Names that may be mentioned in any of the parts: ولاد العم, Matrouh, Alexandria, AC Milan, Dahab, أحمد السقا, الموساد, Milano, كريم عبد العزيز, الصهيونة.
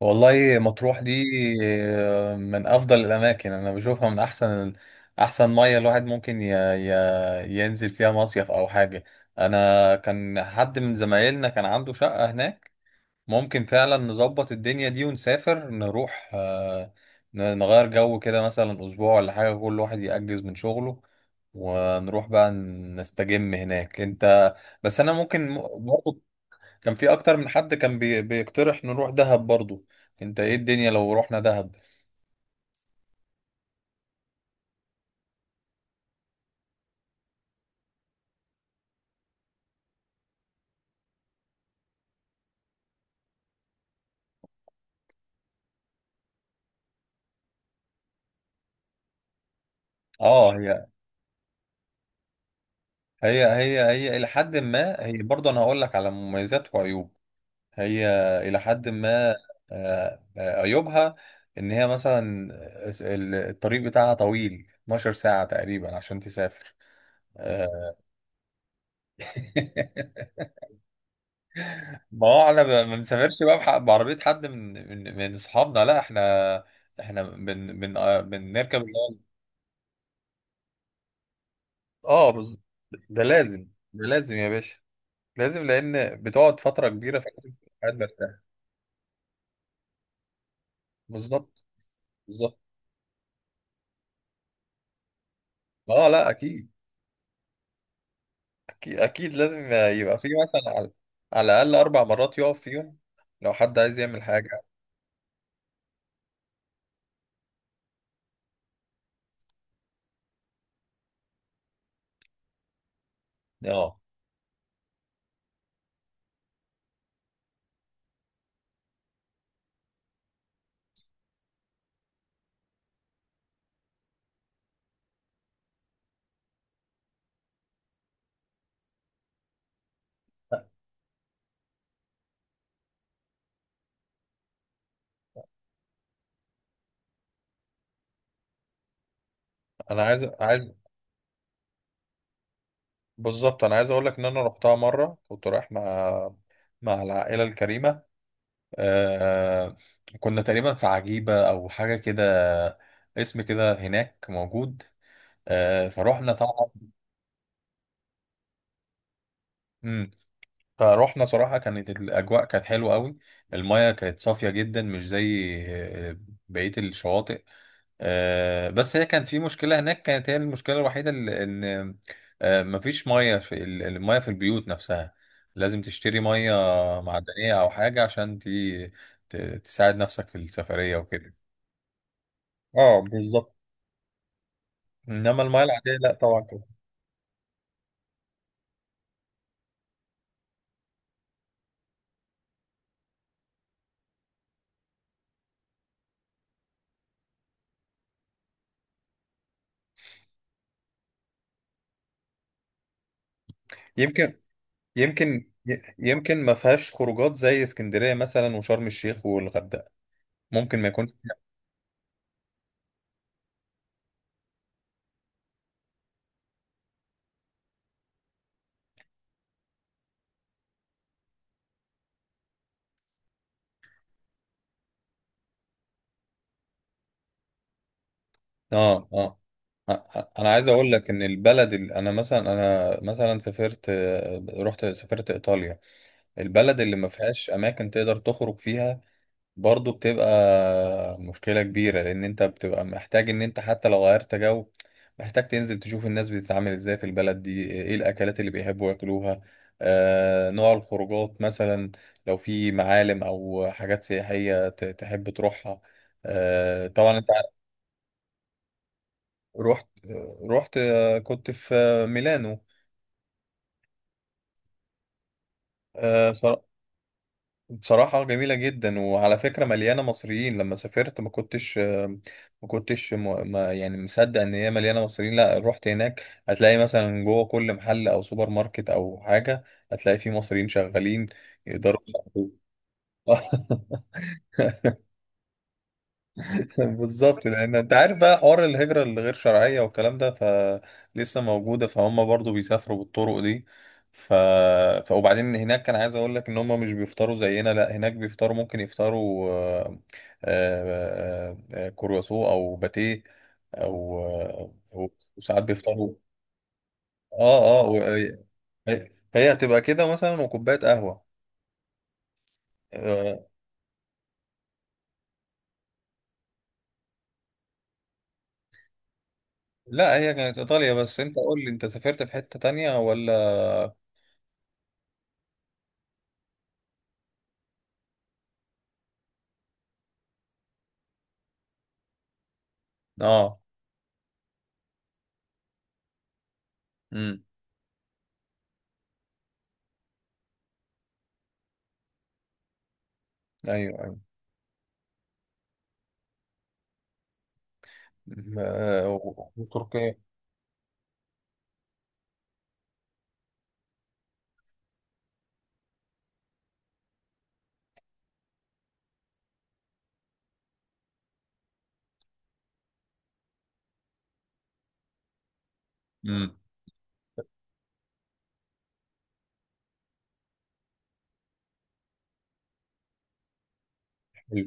والله مطروح دي. من افضل الاماكن انا بشوفها، من احسن ميه الواحد ممكن ينزل فيها مصيف او حاجه. انا كان حد من زمايلنا كان عنده شقه هناك، ممكن فعلا نظبط الدنيا دي ونسافر نروح، نغير جو كده مثلا اسبوع ولا حاجه، كل واحد يأجز من شغله ونروح بقى نستجم هناك انت. بس انا ممكن برضه كان في اكتر من حد كان بيقترح نروح دهب برضو. انت ايه الدنيا لو رحنا دهب؟ اه، هي الى حد ما، هي برضو انا هقول لك على مميزات وعيوب. هي الى حد ما. عيوبها ان هي مثلا الطريق بتاعها طويل، 12 ساعة تقريبا عشان تسافر. آه، ما هو احنا ما بنسافرش بقى بعربية حد من من اصحابنا، لا احنا احنا بن بن آه، بنركب. اه ده لازم، ده لازم يا باشا، لازم لان بتقعد فتره كبيره فلازم تبقى قاعد مرتاح. بالظبط. بالظبط. اه لا اكيد، اكيد اكيد لازم يبقى في مثلا على على الاقل اربع مرات يقف فيهم لو حد عايز يعمل حاجه. اه انا عايز. بالظبط، انا عايز اقول لك ان انا رحتها مره كنت رايح مع مع العائله الكريمه. آه... كنا تقريبا في عجيبه او حاجه كده، اسم كده هناك موجود. فروحنا طبعا. فروحنا، صراحة كانت الأجواء كانت حلوة قوي، المياه كانت صافية جدا مش زي بقية الشواطئ. بس هي كانت في مشكلة هناك، كانت هي المشكلة الوحيدة إن مفيش مية في المية في البيوت نفسها. لازم تشتري مية معدنية أو حاجة عشان تساعد نفسك في السفرية وكده. اه بالظبط، انما المياه العاديه لا طبعا كده. يمكن. يمكن. يمكن ما فيهاش خروجات زي اسكندريه مثلا وشرم الشيخ والغردقه، ممكن ما يكونش. اه اه. انا عايز اقول لك ان البلد اللي انا مثلا، انا مثلا سافرت، رحت سافرت ايطاليا، البلد اللي ما فيهاش اماكن تقدر تخرج فيها برضو بتبقى مشكلة كبيرة، لان انت بتبقى محتاج ان انت حتى لو غيرت جو، محتاج تنزل تشوف الناس بتتعامل ازاي في البلد دي، ايه الاكلات اللي بيحبوا ياكلوها، آه نوع الخروجات مثلا، لو في معالم او حاجات سياحية تحب تروحها. طبعا انت، رحت رحت كنت في ميلانو. آه، صرا- بصراحة جميلة جدا، وعلى فكرة مليانة مصريين. لما سافرت ما كنتش، آه، ما كنتش م- ما يعني مصدق ان هي مليانة مصريين. لا رحت هناك هتلاقي مثلا جوه كل محل او سوبر ماركت او حاجة، هتلاقي فيه مصريين شغالين يقدروا يساعدوك. بالظبط، لان انت عارف بقى حوار الهجره الغير شرعيه والكلام ده، فلسه موجوده، فهم برضو بيسافروا بالطرق دي. ف... ف وبعدين هناك كان عايز اقول لك ان هم مش بيفطروا زينا، لا هناك بيفطروا، ممكن يفطروا كرواسون او باتيه او آه، وساعات بيفطروا. اه اه هي هي هتبقى كده مثلا وكوبايه قهوه. آه، لا هي كانت ايطاليا بس. انت قول لي انت سافرت في حته تانية ولا؟ اه ايوه ايوه. وتركيا. امم. حلو.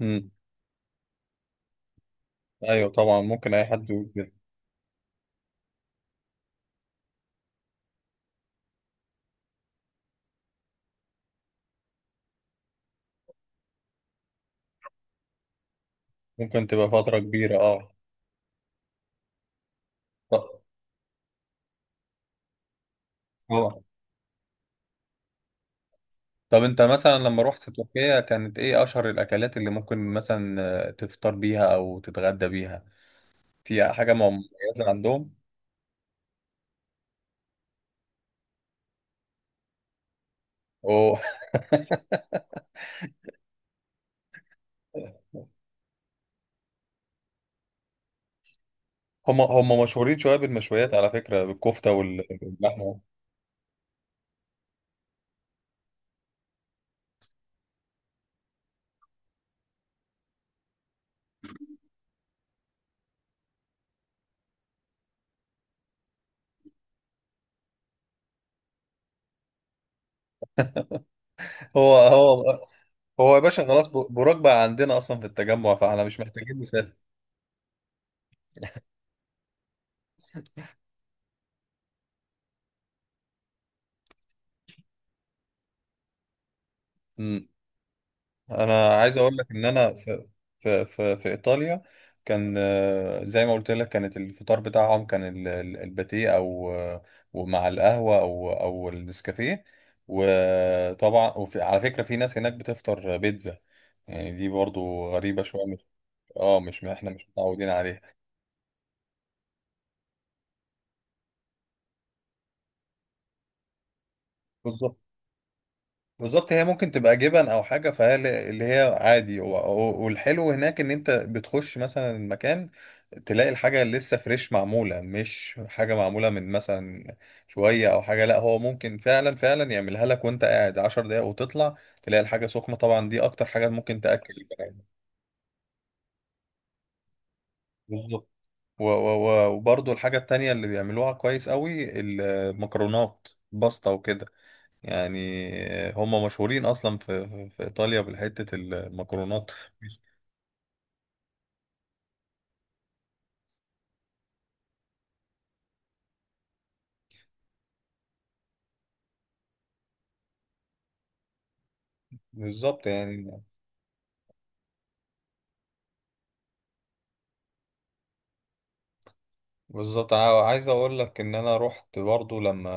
امم. ايوه طبعا، ممكن اي حد يقول كده. ممكن تبقى فتره كبيره اه. طب. طبعا. طب انت مثلا لما رحت تركيا، كانت ايه اشهر الاكلات اللي ممكن مثلا تفطر بيها او تتغدى بيها؟ في حاجه مميزه عندهم؟ أو- هم مشهورين شويه بالمشويات على فكره، بالكفته واللحمه. هو هو يا باشا، خلاص براك بقى عندنا اصلا في التجمع، فاحنا مش محتاجين نسافر. انا عايز اقول لك ان انا في ايطاليا كان، زي ما قلت لك، كانت الفطار بتاعهم كان الباتيه او ومع القهوه او او النسكافيه. وطبعا وفي على فكره في ناس هناك بتفطر بيتزا، يعني دي برضو غريبه شويه مش، اه مش احنا مش متعودين عليها. بالظبط، هي ممكن تبقى جبن او حاجه، فهي اللي هي عادي. والحلو هناك ان انت بتخش مثلا المكان تلاقي الحاجه لسه فريش معموله، مش حاجه معموله من مثلا شويه او حاجه، لا هو ممكن فعلا يعملها لك وانت قاعد 10 دقايق، وتطلع تلاقي الحاجه سخنه طبعا، دي اكتر حاجه ممكن تاكل البني آدم. بالظبط. وبرضو الحاجة التانية اللي بيعملوها كويس قوي المكرونات، باستا وكده، يعني هم مشهورين أصلا في في إيطاليا بالحتة المكرونات. بالظبط يعني. بالظبط. عايز اقول لك ان انا رحت برضو لما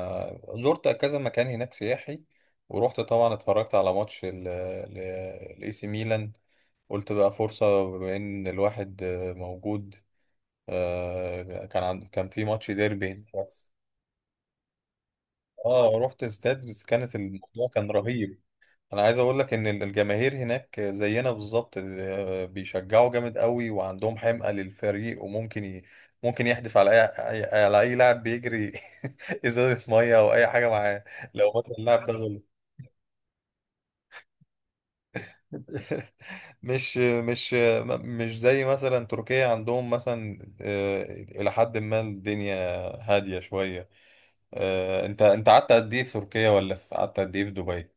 زرت كذا مكان هناك سياحي، ورحت طبعا اتفرجت على ماتش الاي سي ميلان. قلت بقى فرصة بما ان الواحد موجود، كان في ماتش ديربي هناك بس. اه رحت استاد، بس كانت الموضوع كان رهيب. انا عايز اقول لك ان الجماهير هناك زينا بالظبط، بيشجعوا جامد قوي وعندهم حمقة للفريق، وممكن ممكن يحدف على اي على اي لاعب بيجري ازازة مية او اي حاجة معاه لو مثلا اللاعب ده غلط. مش زي مثلا تركيا، عندهم مثلا الى حد ما الدنيا هادية شوية. انت قعدت قد ايه في تركيا، ولا قعدت قد ايه في دبي؟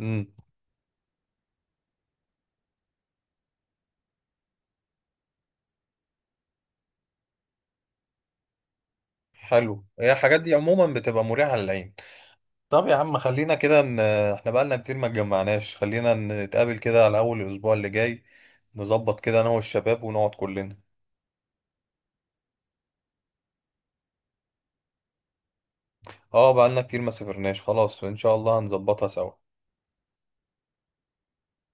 امم. حلو، هي الحاجات دي عموما بتبقى مريحة للعين. طب يا عم، خلينا كده ان احنا بقالنا كتير ما اتجمعناش، خلينا نتقابل كده على اول الاسبوع اللي جاي، نظبط كده انا والشباب ونقعد كلنا. اه بقالنا كتير ما سافرناش، خلاص ان شاء الله هنظبطها سوا.